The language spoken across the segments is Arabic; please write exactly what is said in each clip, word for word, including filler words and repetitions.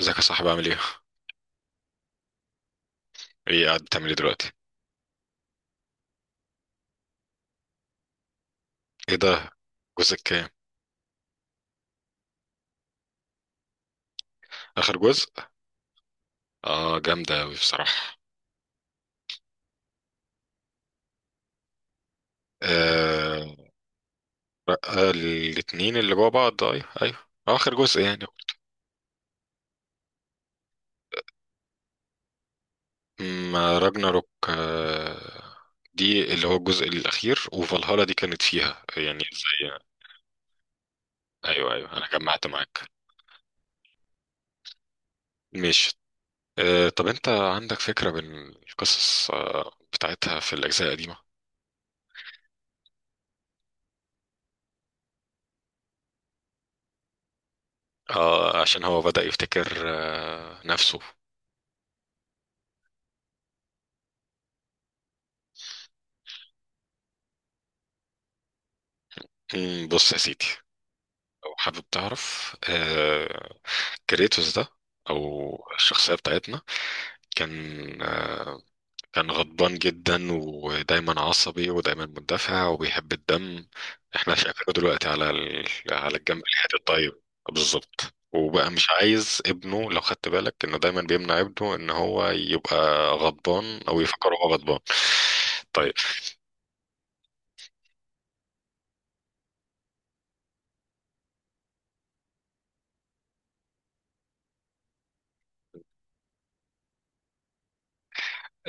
ازيك يا صاحبي، عامل ايه؟ ايه، قاعد بتعمل ايه دلوقتي؟ ايه ده؟ جزء كام؟ اخر جزء؟ اه، جامدة اوي بصراحة. آه آه، الاتنين اللي جوا بعض، آه، ايوه ايوه. آه، اخر جزء يعني. ما راجناروك آه دي اللي هو الجزء الاخير، وفالهالا دي كانت فيها يعني زي... ايوه ايوه، انا جمعت معاك. ماشي. آه طب انت عندك فكرة بالقصص آه بتاعتها في الاجزاء القديمة؟ اه، عشان هو بدأ يفتكر آه نفسه. مم، بص يا سيدي، لو حابب تعرف، آه، كريتوس ده او الشخصيه بتاعتنا كان آه، كان غضبان جدا، ودايما عصبي، ودايما مندفع، وبيحب الدم. احنا شايفينه دلوقتي على ال... على الجنب الحياد الطيب. بالظبط، وبقى مش عايز ابنه. لو خدت بالك انه دايما بيمنع ابنه ان هو يبقى غضبان او يفكر هو غضبان. طيب،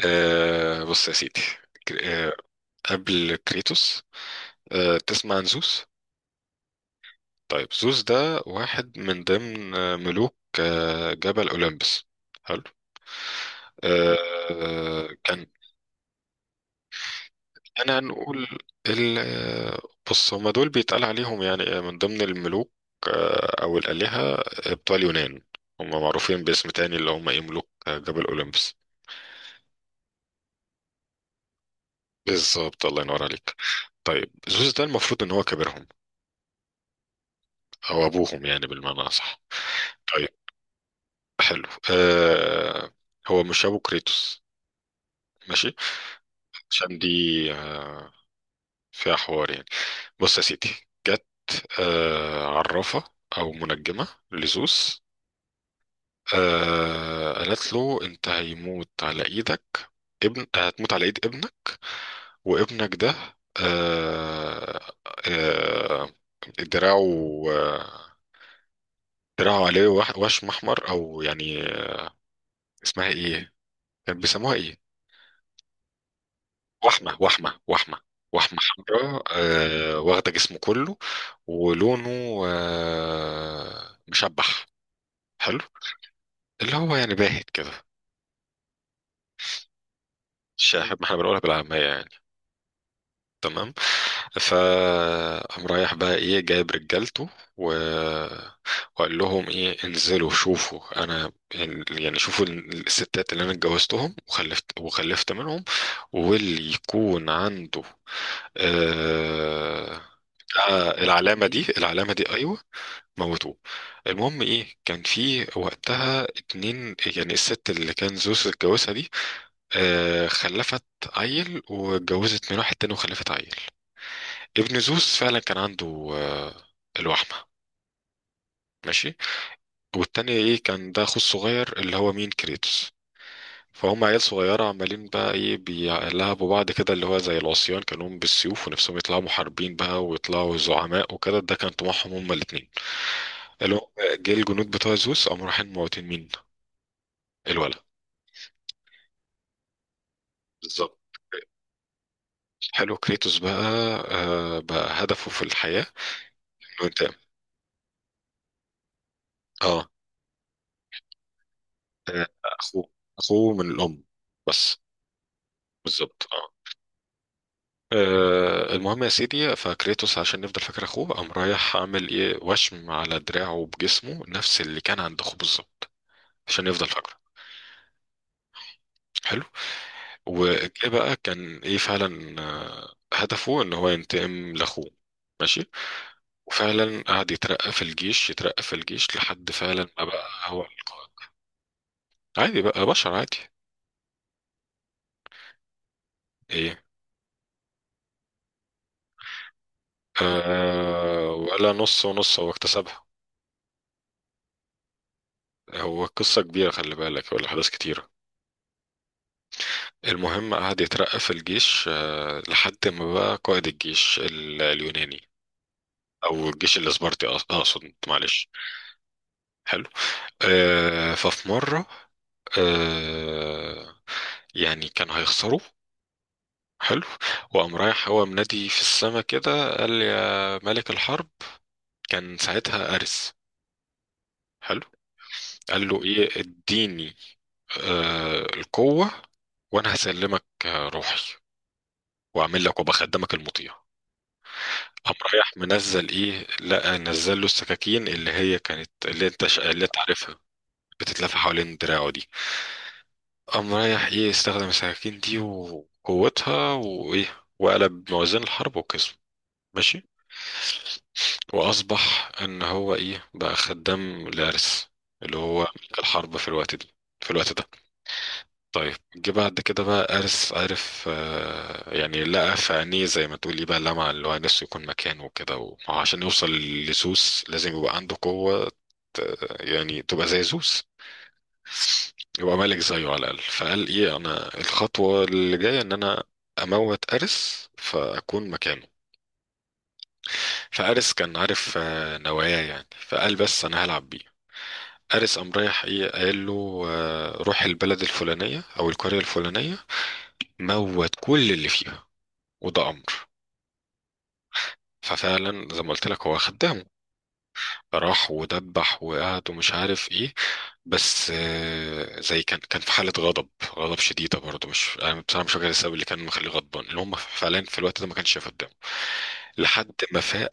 آه، بص يا سيدي. ك- آه، قبل كريتوس، آه، تسمع عن زوس؟ طيب، زوس ده واحد من ضمن آه، ملوك آه، جبل أولمبس. حلو. آه، كان أنا نقول ال... آه، بص، هما دول بيتقال عليهم يعني آه، من ضمن الملوك، آه، أو الآلهة آه، بتوع اليونان. هما معروفين باسم تاني اللي هما إيه، ملوك آه، جبل أولمبس. بالظبط، الله ينور عليك. طيب، زوس ده المفروض إن هو كبيرهم أو أبوهم يعني بالمعنى أصح. طيب، حلو. آه هو مش ابو كريتوس. ماشي. عشان دي آه، فيها حوار يعني. بص يا سيدي، جت آه عرافة أو منجمة لزوس. آه قالت له، أنت هيموت على إيدك. ابن هتموت على إيد ابنك. وابنك ده آه آه دراعه دراعه عليه وح- وشم أحمر أو يعني، اسمها إيه؟ كان بيسموها إيه؟ وحمة، وحمة، وحمة، وحمة حمراء آه واخدة جسمه كله. ولونه آه مشبح. حلو. اللي هو يعني باهت كده. الشاحب، ما احنا بنقولها بالعامية يعني. تمام. فقام رايح بقى ايه، جايب رجالته و... وقال لهم ايه، انزلوا شوفوا انا، يعني شوفوا الستات اللي انا اتجوزتهم وخلفت، وخلفت منهم، واللي يكون عنده آه... آه العلامة دي، العلامة دي ايوه، موتوه. المهم ايه، كان في وقتها اتنين، يعني الست اللي كان زوز اتجوزها دي آه، خلفت عيل، واتجوزت من واحد تاني وخلفت عيل. ابن زوس فعلا كان عنده آه، الوحمة. ماشي. والتاني ايه، كان ده اخوه الصغير اللي هو مين، كريتوس. فهم عيال صغيرة، عمالين بقى ايه، بيلعبوا بعض كده، اللي هو زي العصيان كانوا بالسيوف، ونفسهم يطلعوا محاربين بقى ويطلعوا زعماء وكده، ده كان طموحهم هما الاتنين. اللي هم جه الجنود بتوع زوس قاموا رايحين موتين مين، الولد. بالظبط. حلو. كريتوس بقى آه بقى هدفه في الحياة انه ينتقم. اه. آه، اخوه، اخوه من الام بس. بالظبط اه. آه، المهم يا سيدي، فكريتوس عشان نفضل فاكر اخوه قام رايح عامل ايه، وشم على دراعه بجسمه نفس اللي كان عند اخوه بالظبط، عشان نفضل فاكره. حلو. وجه بقى كان ايه فعلا آه، هدفه ان هو ينتقم لاخوه. ماشي. وفعلا قعد يترقى في الجيش، يترقى في الجيش، لحد فعلا ما بقى هو القائد. عادي بقى، بشر عادي. ايه، آه ولا نص ونص، هو اكتسبها. هو قصة كبيرة خلي بالك، والأحداث كتيرة. المهم قعد يترقى في الجيش آه، لحد ما بقى قائد الجيش ال- اليوناني، أو الجيش الإسبرطي، أقص- أقصد، معلش. حلو. آه، ففي مرة، آه، يعني كان هيخسروا. حلو. وقام رايح هو منادي في السما كده، قال يا ملك الحرب. كان ساعتها أرس. حلو. قال له إيه، اديني آه، القوة، وأنا هسلمك آه، روحي، واعمل لك وبخدمك المطيع. قام رايح منزل ايه، لقى نزل له السكاكين اللي هي كانت اللي انت ش... اللي انت عارفها، بتتلف حوالين دراعه دي. قام رايح ايه، استخدم السكاكين دي وقوتها، وايه، وقلب موازين الحرب وكسب. ماشي. واصبح ان هو ايه بقى، خدام لارس، اللي هو ملك الحرب في الوقت دي، في الوقت ده. طيب، جه بعد كده بقى أرس عرف آه، يعني، لقى في عينيه زي ما تقولي بقى لمع، اللي هو نفسه يكون مكانه وكده، وما هو عشان يوصل لزوس لازم يبقى عنده قوة، ت- يعني تبقى زي زوس، يبقى ملك زيه على الأقل. فقال إيه، أنا الخطوة اللي جاية إن أنا أموت أرس فأكون مكانه. فأرس كان عارف آه، نواياه يعني، فقال بس أنا هلعب بيه. أرس قام رايح إيه، قال له آه، روح البلد الفلانية أو القرية الفلانية، موت كل اللي فيها، وده امر. ففعلا زي ما قلت لك هو خدامه. راح ودبح وقعد ومش عارف ايه، بس آه، زي كان كان في حاله غضب، غضب شديده برضه. مش انا بصراحه مش فاكر السبب اللي كان مخليه غضبان، اللي هم فعلا في الوقت ده ما كانش شايف قدامه لحد ما فاق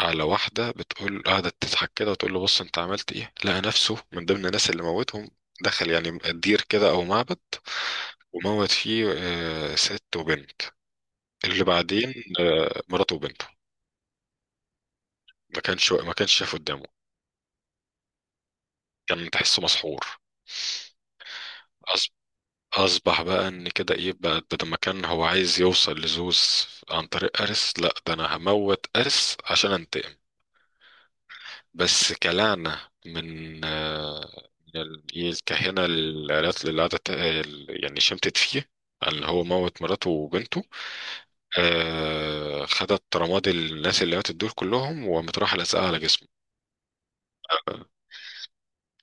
على واحده بتقول، قعدت تضحك كده وتقول له بص انت عملت ايه. لقى نفسه من ضمن الناس اللي موتهم، دخل يعني دير كده او معبد، وموت فيه آه، ست وبنت، اللي بعدين آه، مراته وبنته. ما كانش ما كانش شايف قدامه، كان تحسه مسحور. أص- أصبح بقى إن كده إيه بقى ده، لما كان هو عايز يوصل لزوس عن طريق أرس، لأ ده أنا هموت أرس عشان أنتقم. بس كلعنة من آه، من ال- إيه، الكاهنة، العيلات اللي قعدت ال- يعني شمتت فيه، اللي هو موت مراته وبنته، آه خدت رماد الناس اللي ماتت دول كلهم وقامت رايحة لازقة على جسمه.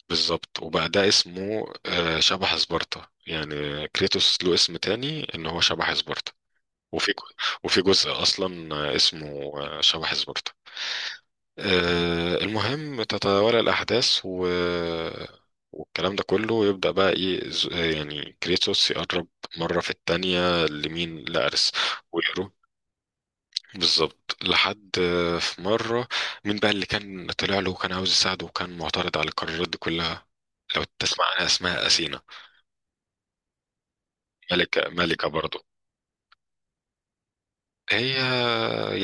بالظبط، وبقى ده اسمه آه، شبح سبارتا، يعني كريتوس له اسم تاني ان هو شبح سبارتا. وفي جو- وفي جزء اصلا آه، اسمه آه، شبح سبارتا. آه، المهم تتوالى الاحداث و... والكلام ده كله، يبدأ بقى ايه، ز- يعني كريتوس يقرب مرة في التانية لمين، لأرس، ويرو بالظبط. لحد في مرة، مين بقى اللي كان طلع له وكان عاوز يساعده وكان معترض على القرارات دي كلها؟ لو تسمع عنها، اسمها أثينا. ملكة ملكة برضه. هي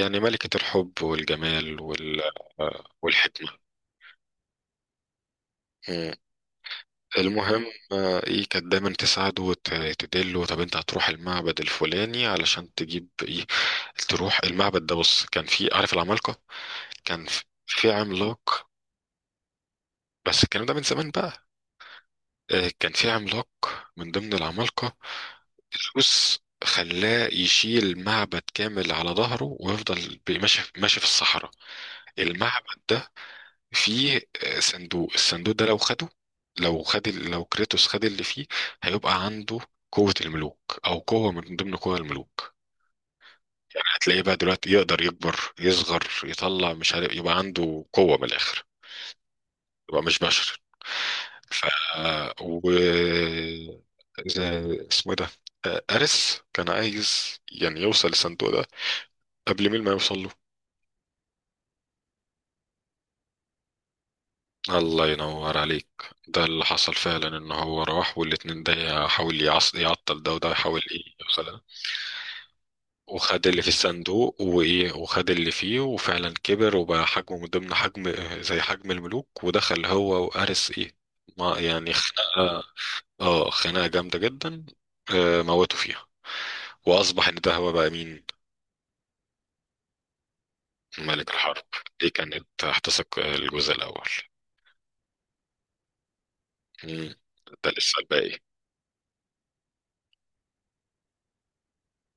يعني ملكة الحب والجمال وال... والحكمة. مم. المهم آه، ايه، كانت دايما تساعده وتدله، طب انت هتروح المعبد الفلاني علشان تجيب ايه. تروح المعبد ده، بص كان في، عارف، العمالقة، كان في في عملاق، بس الكلام ده من زمان بقى. آه، كان في عملاق من ضمن العمالقة، الروس خلاه يشيل معبد كامل على ظهره ويفضل بي- ماشي ماشي في الصحراء. المعبد ده فيه آه، صندوق. الصندوق ده لو خده، لو خد ال- لو كريتوس خد اللي فيه، هيبقى عنده قوة الملوك أو قوة من ضمن قوى الملوك. يعني هتلاقيه بقى دلوقتي يقدر يكبر يصغر يطلع مش عارف، يبقى عنده قوة من الآخر، يبقى مش بشر. ف و زي- اسمه ايه ده، آه، أرس كان عايز يعني يوصل للصندوق ده قبل مين ما يوصل له. الله ينور عليك. ده اللي حصل فعلا، ان هو راح والاتنين ده يحاول يعص- يعطل ده، وده يحاول ايه يوصل ده. وخد اللي في الصندوق وايه، وخد اللي فيه، وفعلا كبر وبقى حجمه من ضمن حجم، زي حجم الملوك، ودخل هو وأرس ايه، ما يعني خناقة. اه، خناقة جامدة جدا، آه، موته فيها. وأصبح إن ده هو بقى مين، ملك الحرب. دي كانت هتثق الجزء الأول. مم. ده لسه الباقي.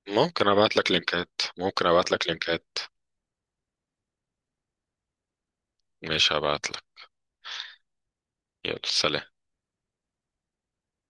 ممكن أبعت لك لينكات، ممكن أبعت لك لينكات. ماشي، هبعت لك. يلا سلام.